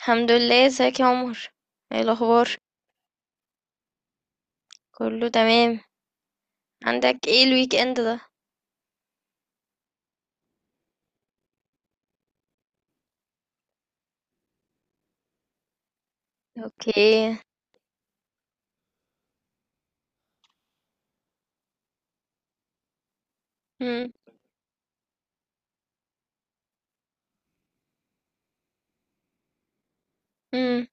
الحمد لله. ازيك يا عمر؟ ايه الاخبار؟ كله تمام. عندك ايه الويك اند ده؟ اوكي. امم. امم.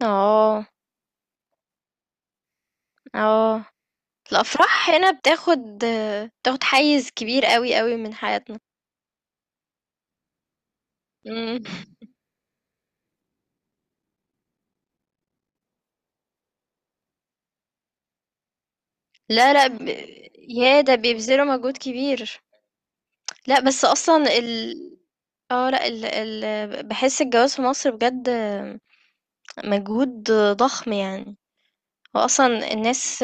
اه. اه. الافراح هنا بتاخد حيز كبير قوي قوي من حياتنا. مم. لا لا، يا ده بيبذلوا مجهود كبير. لا بس اصلا ال اه لا بحس الجواز في مصر بجد. مجهود ضخم يعني. واصلا الناس،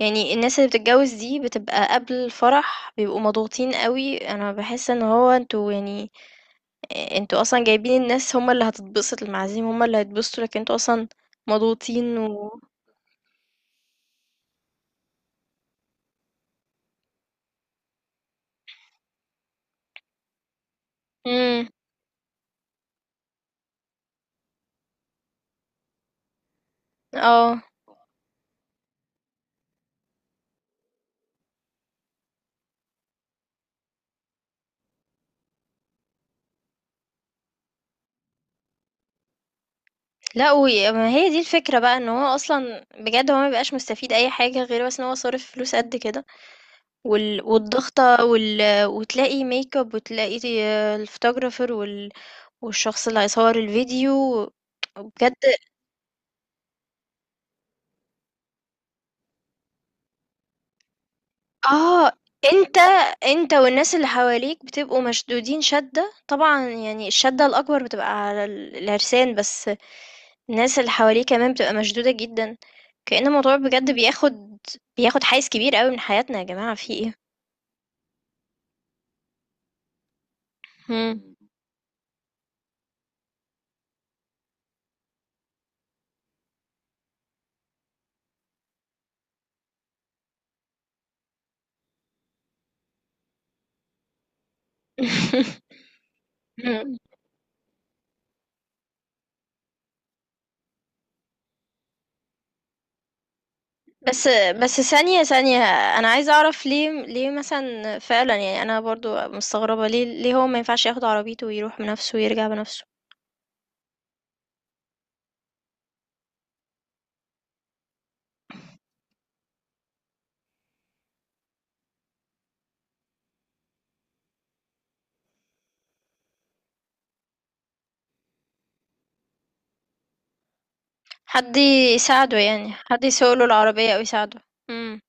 يعني الناس اللي بتتجوز دي بتبقى قبل الفرح بيبقوا مضغوطين قوي. انا بحس ان هو انتوا يعني، انتوا اصلا جايبين الناس، هما اللي هتتبسط، المعازيم هما اللي هيتبسطوا، لكن انتوا اصلا مضغوطين و امم. اه، لا ما هي دي الفكرة بقى، ان هو اصلا بجد هو ما بيبقاش مستفيد اي حاجة غير بس ان هو صارف فلوس قد كده، والضغطة وتلاقي ميك اب، وتلاقي الفوتوغرافر والشخص اللي هيصور الفيديو. بجد. آه، أنت أنت والناس اللي حواليك بتبقوا مشدودين شدة، طبعًا يعني الشدة الأكبر بتبقى على العرسان، بس الناس اللي حواليه كمان بتبقى مشدودة جدًا، كأن الموضوع بجد بياخد حيّز كبير أوي من حياتنا يا جماعة في إيه؟ إمم. إمم. إمم. بس، بس ثانية، ثانية، أنا عايزة أعرف ليه مثلًا فعلًا. يعني أنا برضه مستغربة ليه هو ما ينفعش ياخد عربيته ويروح بنفسه ويرجع بنفسه؟ حد يساعده، يعني حد يسوق له العربية او يساعده. امم.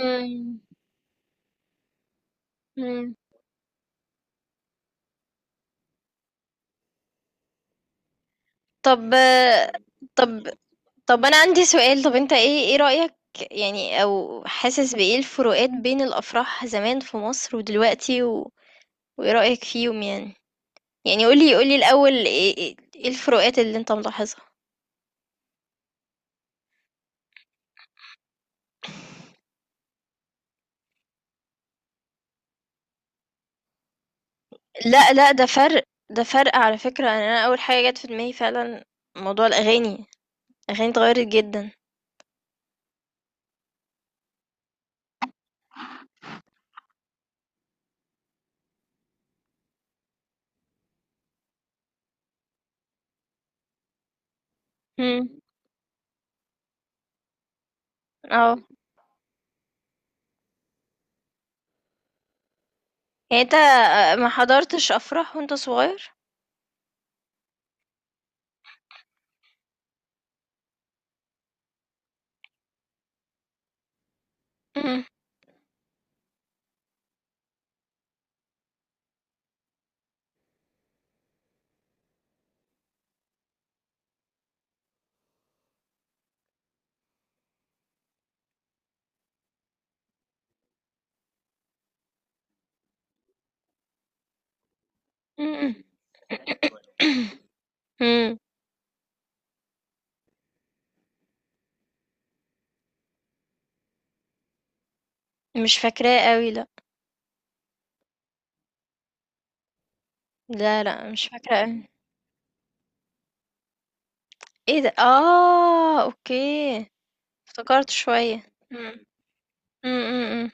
مم. مم. طب طب طب انا عندي سؤال. طب انت ايه رأيك يعني، او حاسس بايه الفروقات بين الافراح زمان في مصر ودلوقتي وايه رأيك فيهم يعني؟ يعني قولي قولي الاول ايه ايه إيه الفروقات اللي انت ملاحظها؟ لا لا، ده فرق، ده فرق على فكرة. أنا اول حاجة جت في دماغي فعلا موضوع الاغاني. الاغاني اتغيرت جدا. مم. اه، يعني انت ما حضرتش افراح وانت صغير؟ مم. مم. مم. مش فاكراه قوي، لا. لا لا، مش فاكراه قوي. ايه ده؟ اه، اوكي. افتكرت شويه. مم. مم. مم. مم.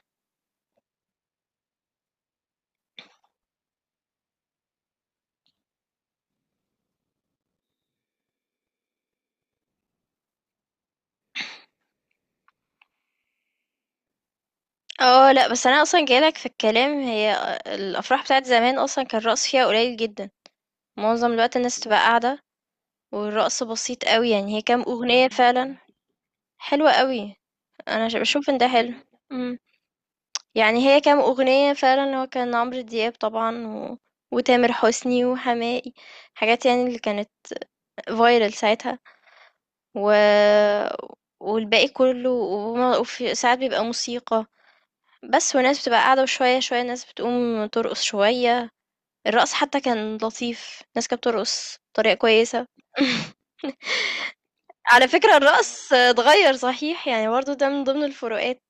اه، لا بس انا اصلا جايلك في الكلام. هي الافراح بتاعت زمان اصلا كان الرقص فيها قليل جدا، معظم الوقت الناس تبقى قاعده، والرقص بسيط قوي. يعني هي كام اغنيه فعلا؟ حلوه قوي. انا بشوف ان ده حلو. يعني هي كام أغنية فعلا، هو كان عمرو دياب طبعا وتامر حسني وحماقي، حاجات يعني اللي كانت فايرال ساعتها و... والباقي كله، وفي ساعات بيبقى موسيقى بس، والناس بتبقى قاعدة وشوية شوية الناس بتقوم ترقص شوية. الرقص حتى كان لطيف، الناس كانت بترقص بطريقة كويسة. على فكرة الرقص اتغير صحيح، يعني برضه ده من ضمن الفروقات.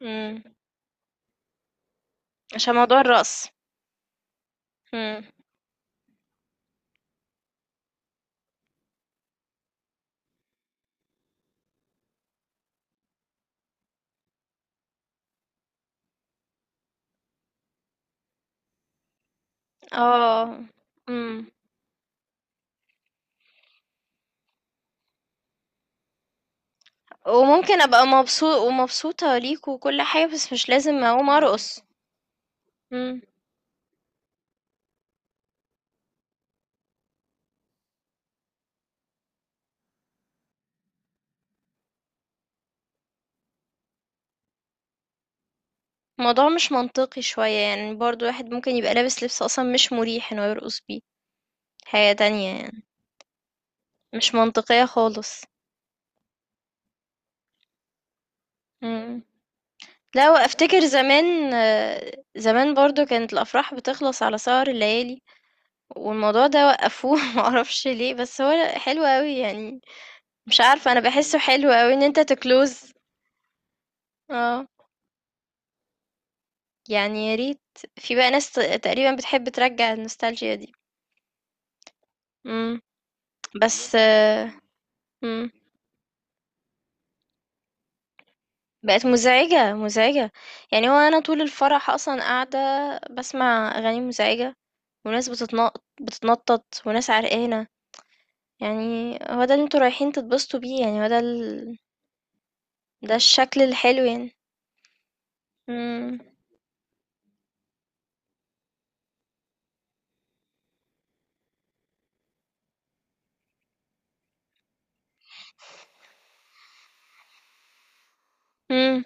مم. عشان موضوع الرقص. مم. اه. مم. وممكن ابقى مبسوط ومبسوطة ليك وكل حاجة، بس مش لازم اقوم ارقص. مم. الموضوع مش منطقي شوية، يعني برضو واحد ممكن يبقى لابس لبس اصلا مش مريح انه يرقص بيه. حاجة تانية يعني مش منطقية خالص. مم. لا، وافتكر زمان، زمان برضو كانت الافراح بتخلص على سهر الليالي، والموضوع ده وقفوه. معرفش ليه بس هو حلو قوي يعني. مش عارفة، انا بحسه حلو قوي ان انت تكلوز. اه، يعني يا ريت. في بقى ناس تقريبا بتحب ترجع النوستالجيا دي. امم. بس. امم. بقت مزعجة مزعجة. يعني هو انا طول الفرح اصلا قاعدة بسمع اغاني مزعجة، وناس بتتنطط بتتنطط وناس عرقانة. يعني هو ده اللي انتوا رايحين تتبسطوا بيه؟ يعني هو ده الشكل الحلو يعني؟ امم. امم.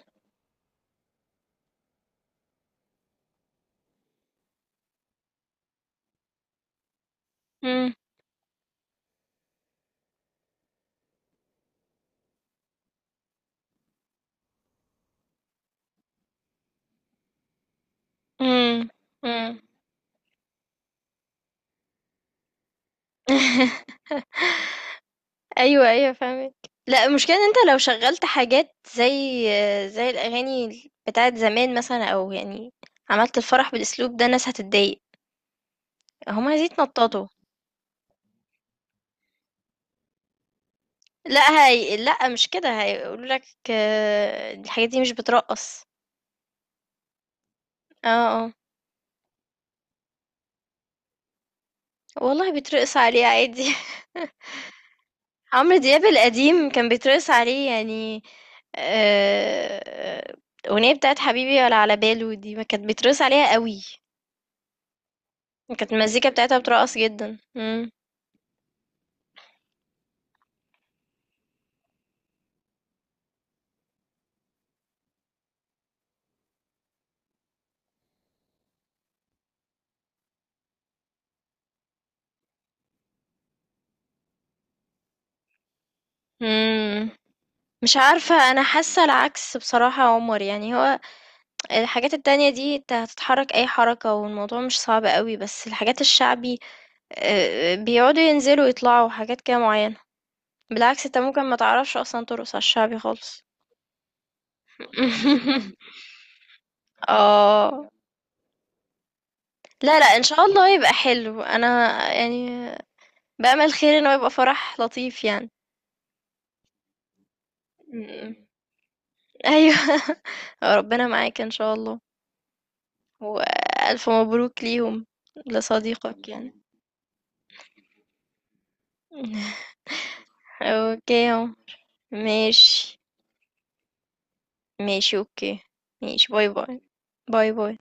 امم. امم. ايوه ايوه فاهمك. لا، المشكله ان انت لو شغلت حاجات زي الاغاني بتاعت زمان مثلا، او يعني عملت الفرح بالاسلوب ده الناس هتتضايق، هم عايزين يتنططوا. لا، هي لا مش كده، هيقولوا لك الحاجات دي مش بترقص. اه. اه. والله بيترقص عليه عادي. عمرو دياب القديم كان بيترقص عليه يعني. آه، الاغنيه بتاعت حبيبي ولا على باله دي ما كانت بيترقص عليها قوي، كانت المزيكا بتاعتها بترقص جدا. امم. مش عارفة، أنا حاسة العكس بصراحة يا عمر. يعني هو الحاجات التانية دي انت هتتحرك أي حركة والموضوع مش صعب قوي، بس الحاجات الشعبي بيقعدوا ينزلوا يطلعوا حاجات كده معينة. بالعكس، انت ممكن ما تعرفش أصلا ترقص على الشعبي خالص. اه. لا لا، ان شاء الله يبقى حلو. انا يعني بأمل خير انه يبقى فرح لطيف يعني. م. ايوه. ربنا معاك ان شاء الله. وألف مبروك ليهم، لصديقك يعني. اوكي اهو. ماشي. ماشي اوكي. ماشي. باي باي. باي باي.